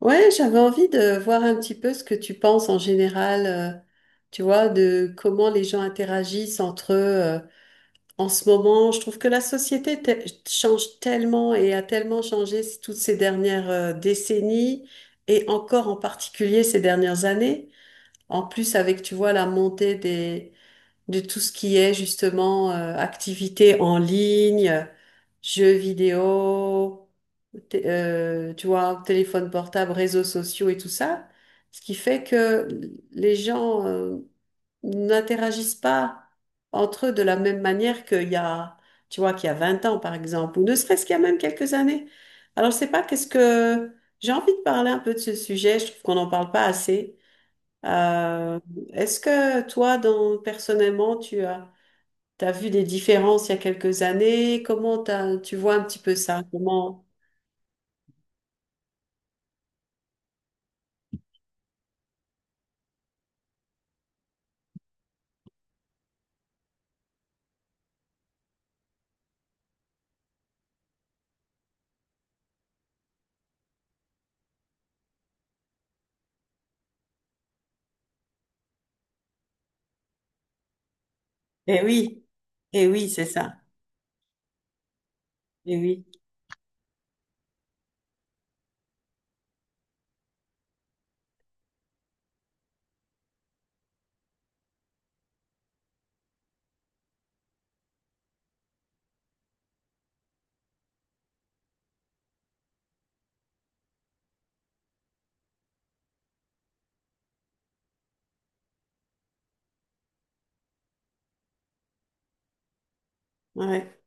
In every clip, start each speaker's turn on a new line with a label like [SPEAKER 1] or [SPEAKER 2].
[SPEAKER 1] Ouais, j'avais envie de voir un petit peu ce que tu penses en général, tu vois, de comment les gens interagissent entre eux. En ce moment, je trouve que la société change tellement et a tellement changé toutes ces dernières décennies et encore en particulier ces dernières années. En plus, avec, tu vois, la montée de tout ce qui est justement activités en ligne, jeux vidéo, tu vois, téléphone portable, réseaux sociaux et tout ça, ce qui fait que les gens n'interagissent pas entre eux de la même manière qu'il y a, tu vois, qu'il y a 20 ans par exemple, ou ne serait-ce qu'il y a même quelques années. Alors, je sais pas qu'est-ce que j'ai envie de parler un peu de ce sujet, je trouve qu'on n'en parle pas assez. Euh, Est-ce que toi, dans, personnellement, t'as vu des différences il y a quelques années? Comment tu vois un petit peu ça? Comment? Eh oui, eh oui, c'est ça. Eh oui, ouais.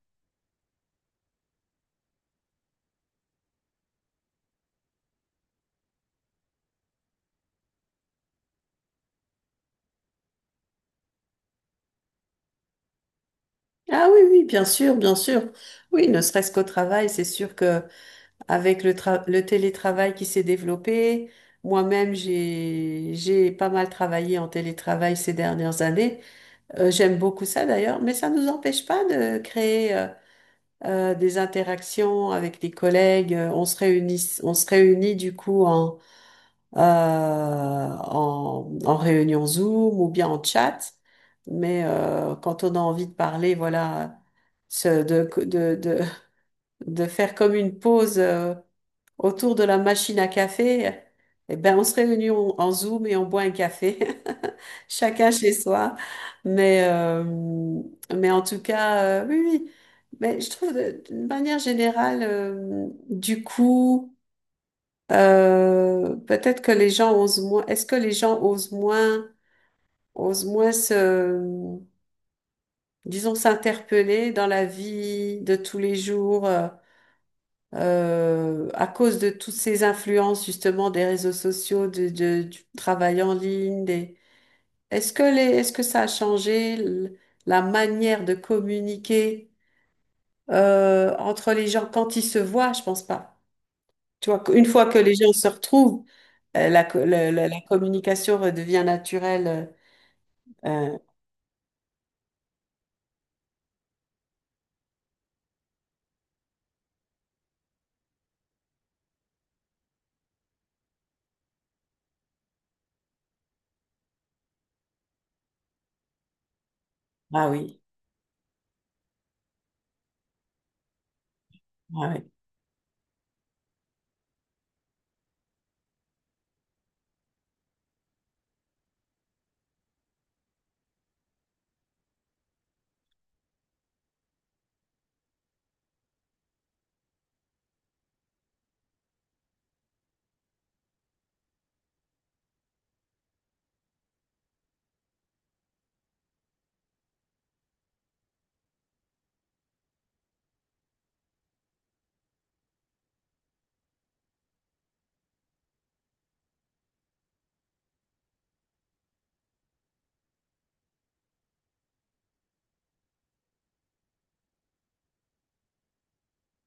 [SPEAKER 1] Ah oui, oui, bien sûr, bien sûr. Oui, ne serait-ce qu'au travail, c'est sûr que avec le télétravail qui s'est développé, moi-même, j'ai pas mal travaillé en télétravail ces dernières années. J'aime beaucoup ça d'ailleurs, mais ça ne nous empêche pas de créer. Des interactions avec les collègues. On se réunit du coup en réunion Zoom ou bien en chat. Mais quand on a envie de parler, voilà, se- de, de, de, de faire comme une pause. Autour de la machine à café, eh ben, on se réunit en Zoom et on boit un café, chacun chez soi. Mais, euh, mais en tout cas, oui, oui. Mais je trouve, d'une manière générale, du coup, peut-être que les gens osent moins. Est-ce que les gens osent moins, osent moins se, disons, s'interpeller dans la vie de tous les jours? À cause de toutes ces influences justement des réseaux sociaux, du travail en ligne, des... Est-ce que est-ce que ça a changé la manière de communiquer entre les gens quand ils se voient? Je pense pas. Tu vois, une fois que les gens se retrouvent, la, la communication redevient naturelle. Euh, euh, ah oui, ah oui.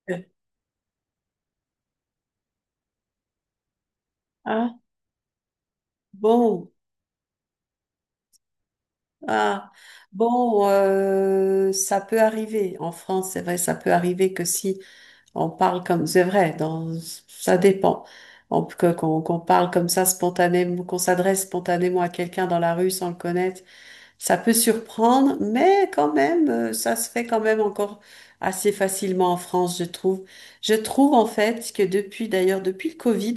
[SPEAKER 1] Euh, Ah, bon, ah, bon, ça peut arriver. En France, c'est vrai, ça peut arriver que si on parle comme, c'est vrai, dans, ça dépend. Qu'on parle comme ça spontanément, qu'on s'adresse spontanément à quelqu'un dans la rue sans le connaître, ça peut surprendre, mais quand même, ça se fait quand même encore assez facilement en France, je trouve. Je trouve en fait que depuis, d'ailleurs, depuis le Covid,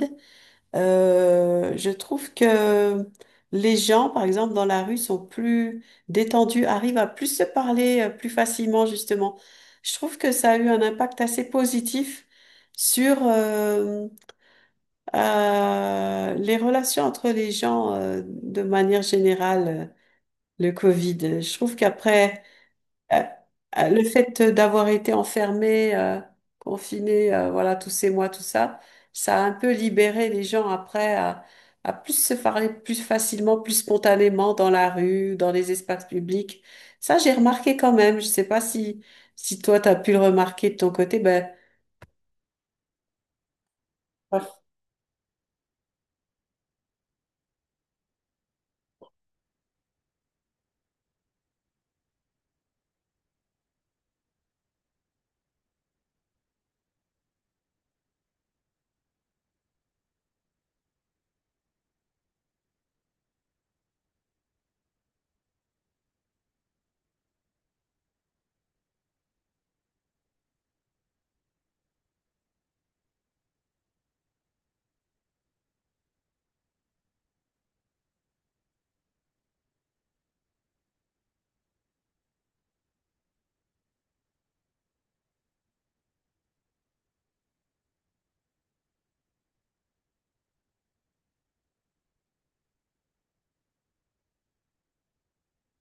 [SPEAKER 1] je trouve que les gens, par exemple, dans la rue, sont plus détendus, arrivent à plus se parler plus facilement, justement. Je trouve que ça a eu un impact assez positif sur les relations entre les gens de manière générale, le Covid. Je trouve qu'après... Euh, Le fait d'avoir été enfermé, confiné, voilà, tous ces mois, tout ça, ça a un peu libéré les gens après à plus se parler plus facilement, plus spontanément dans la rue, dans les espaces publics. Ça, j'ai remarqué quand même. Je sais pas si, si toi, tu as pu le remarquer de ton côté. Ben,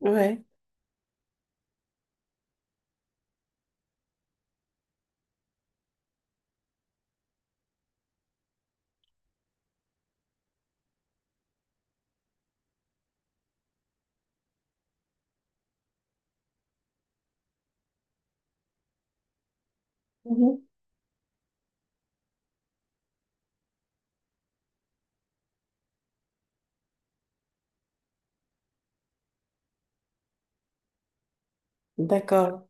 [SPEAKER 1] ouais. Mhm. D'accord.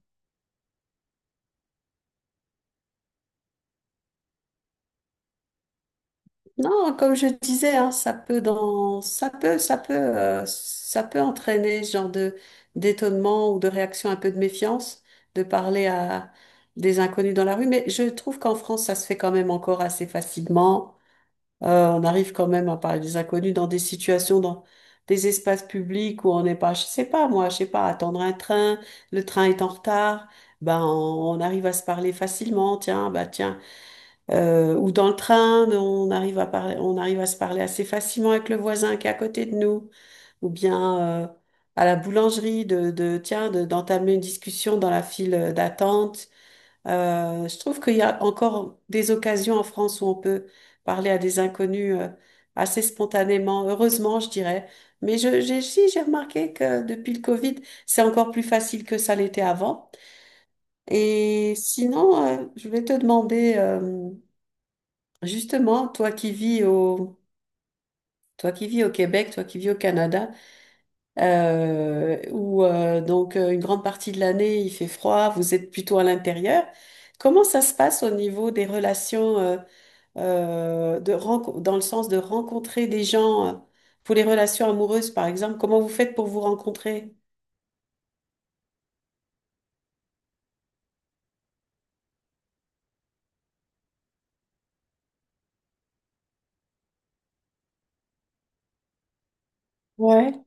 [SPEAKER 1] Non, comme je disais, hein, ça peut dans, ça peut entraîner ce genre de d'étonnement ou de réaction un peu de méfiance de parler à des inconnus dans la rue. Mais je trouve qu'en France, ça se fait quand même encore assez facilement. On arrive quand même à parler des inconnus dans des situations, dans des espaces publics où on n'est pas, je sais pas, moi, je sais pas, attendre un train, le train est en retard, on arrive à se parler facilement. Tiens, bah tiens. Ou dans le train, on arrive à parler, on arrive à se parler assez facilement avec le voisin qui est à côté de nous, ou bien à la boulangerie de tiens, d'entamer une discussion dans la file d'attente. Je trouve qu'il y a encore des occasions en France où on peut parler à des inconnus assez spontanément, heureusement, je dirais. Mais si, j'ai remarqué que depuis le Covid, c'est encore plus facile que ça l'était avant. Et sinon, je vais te demander. Justement, toi qui vis au Québec, toi qui vis au Canada, où donc une grande partie de l'année il fait froid, vous êtes plutôt à l'intérieur. Comment ça se passe au niveau des relations dans le sens de rencontrer des gens pour les relations amoureuses, par exemple? Comment vous faites pour vous rencontrer? Ouais,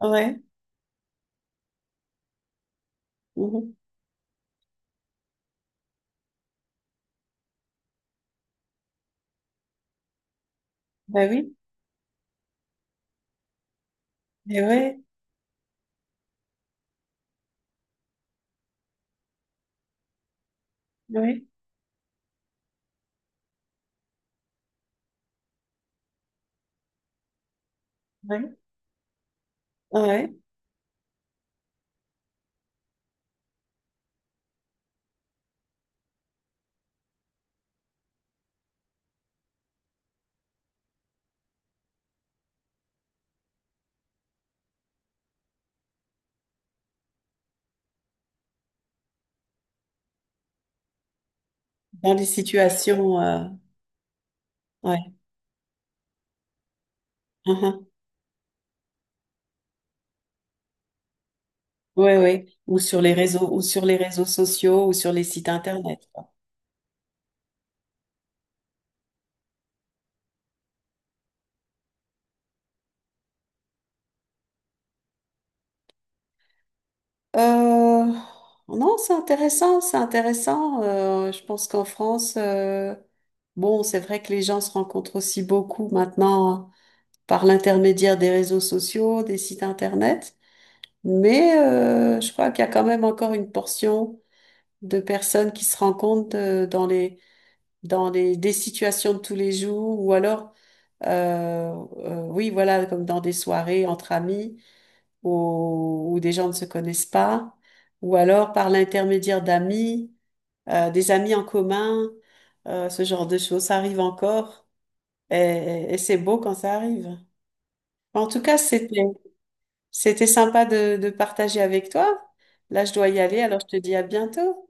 [SPEAKER 1] ouais. Mhm. Ben oui, mais ouais, ouais, ouais, ouais. Dans des situations, ouais. Ouais, ouais. Ou sur les réseaux, ou sur les réseaux sociaux, ou sur les sites internet. Quoi. Euh, non, c'est intéressant, c'est intéressant. Je pense qu'en France, bon, c'est vrai que les gens se rencontrent aussi beaucoup maintenant par l'intermédiaire des réseaux sociaux, des sites internet, mais je crois qu'il y a quand même encore une portion de personnes qui se rencontrent dans les des situations de tous les jours ou alors oui, voilà, comme dans des soirées entre amis où, où des gens ne se connaissent pas, ou alors par l'intermédiaire d'amis, des amis en commun, ce genre de choses, ça arrive encore et c'est beau quand ça arrive. En tout cas, c'était, c'était sympa de partager avec toi. Là, je dois y aller, alors je te dis à bientôt.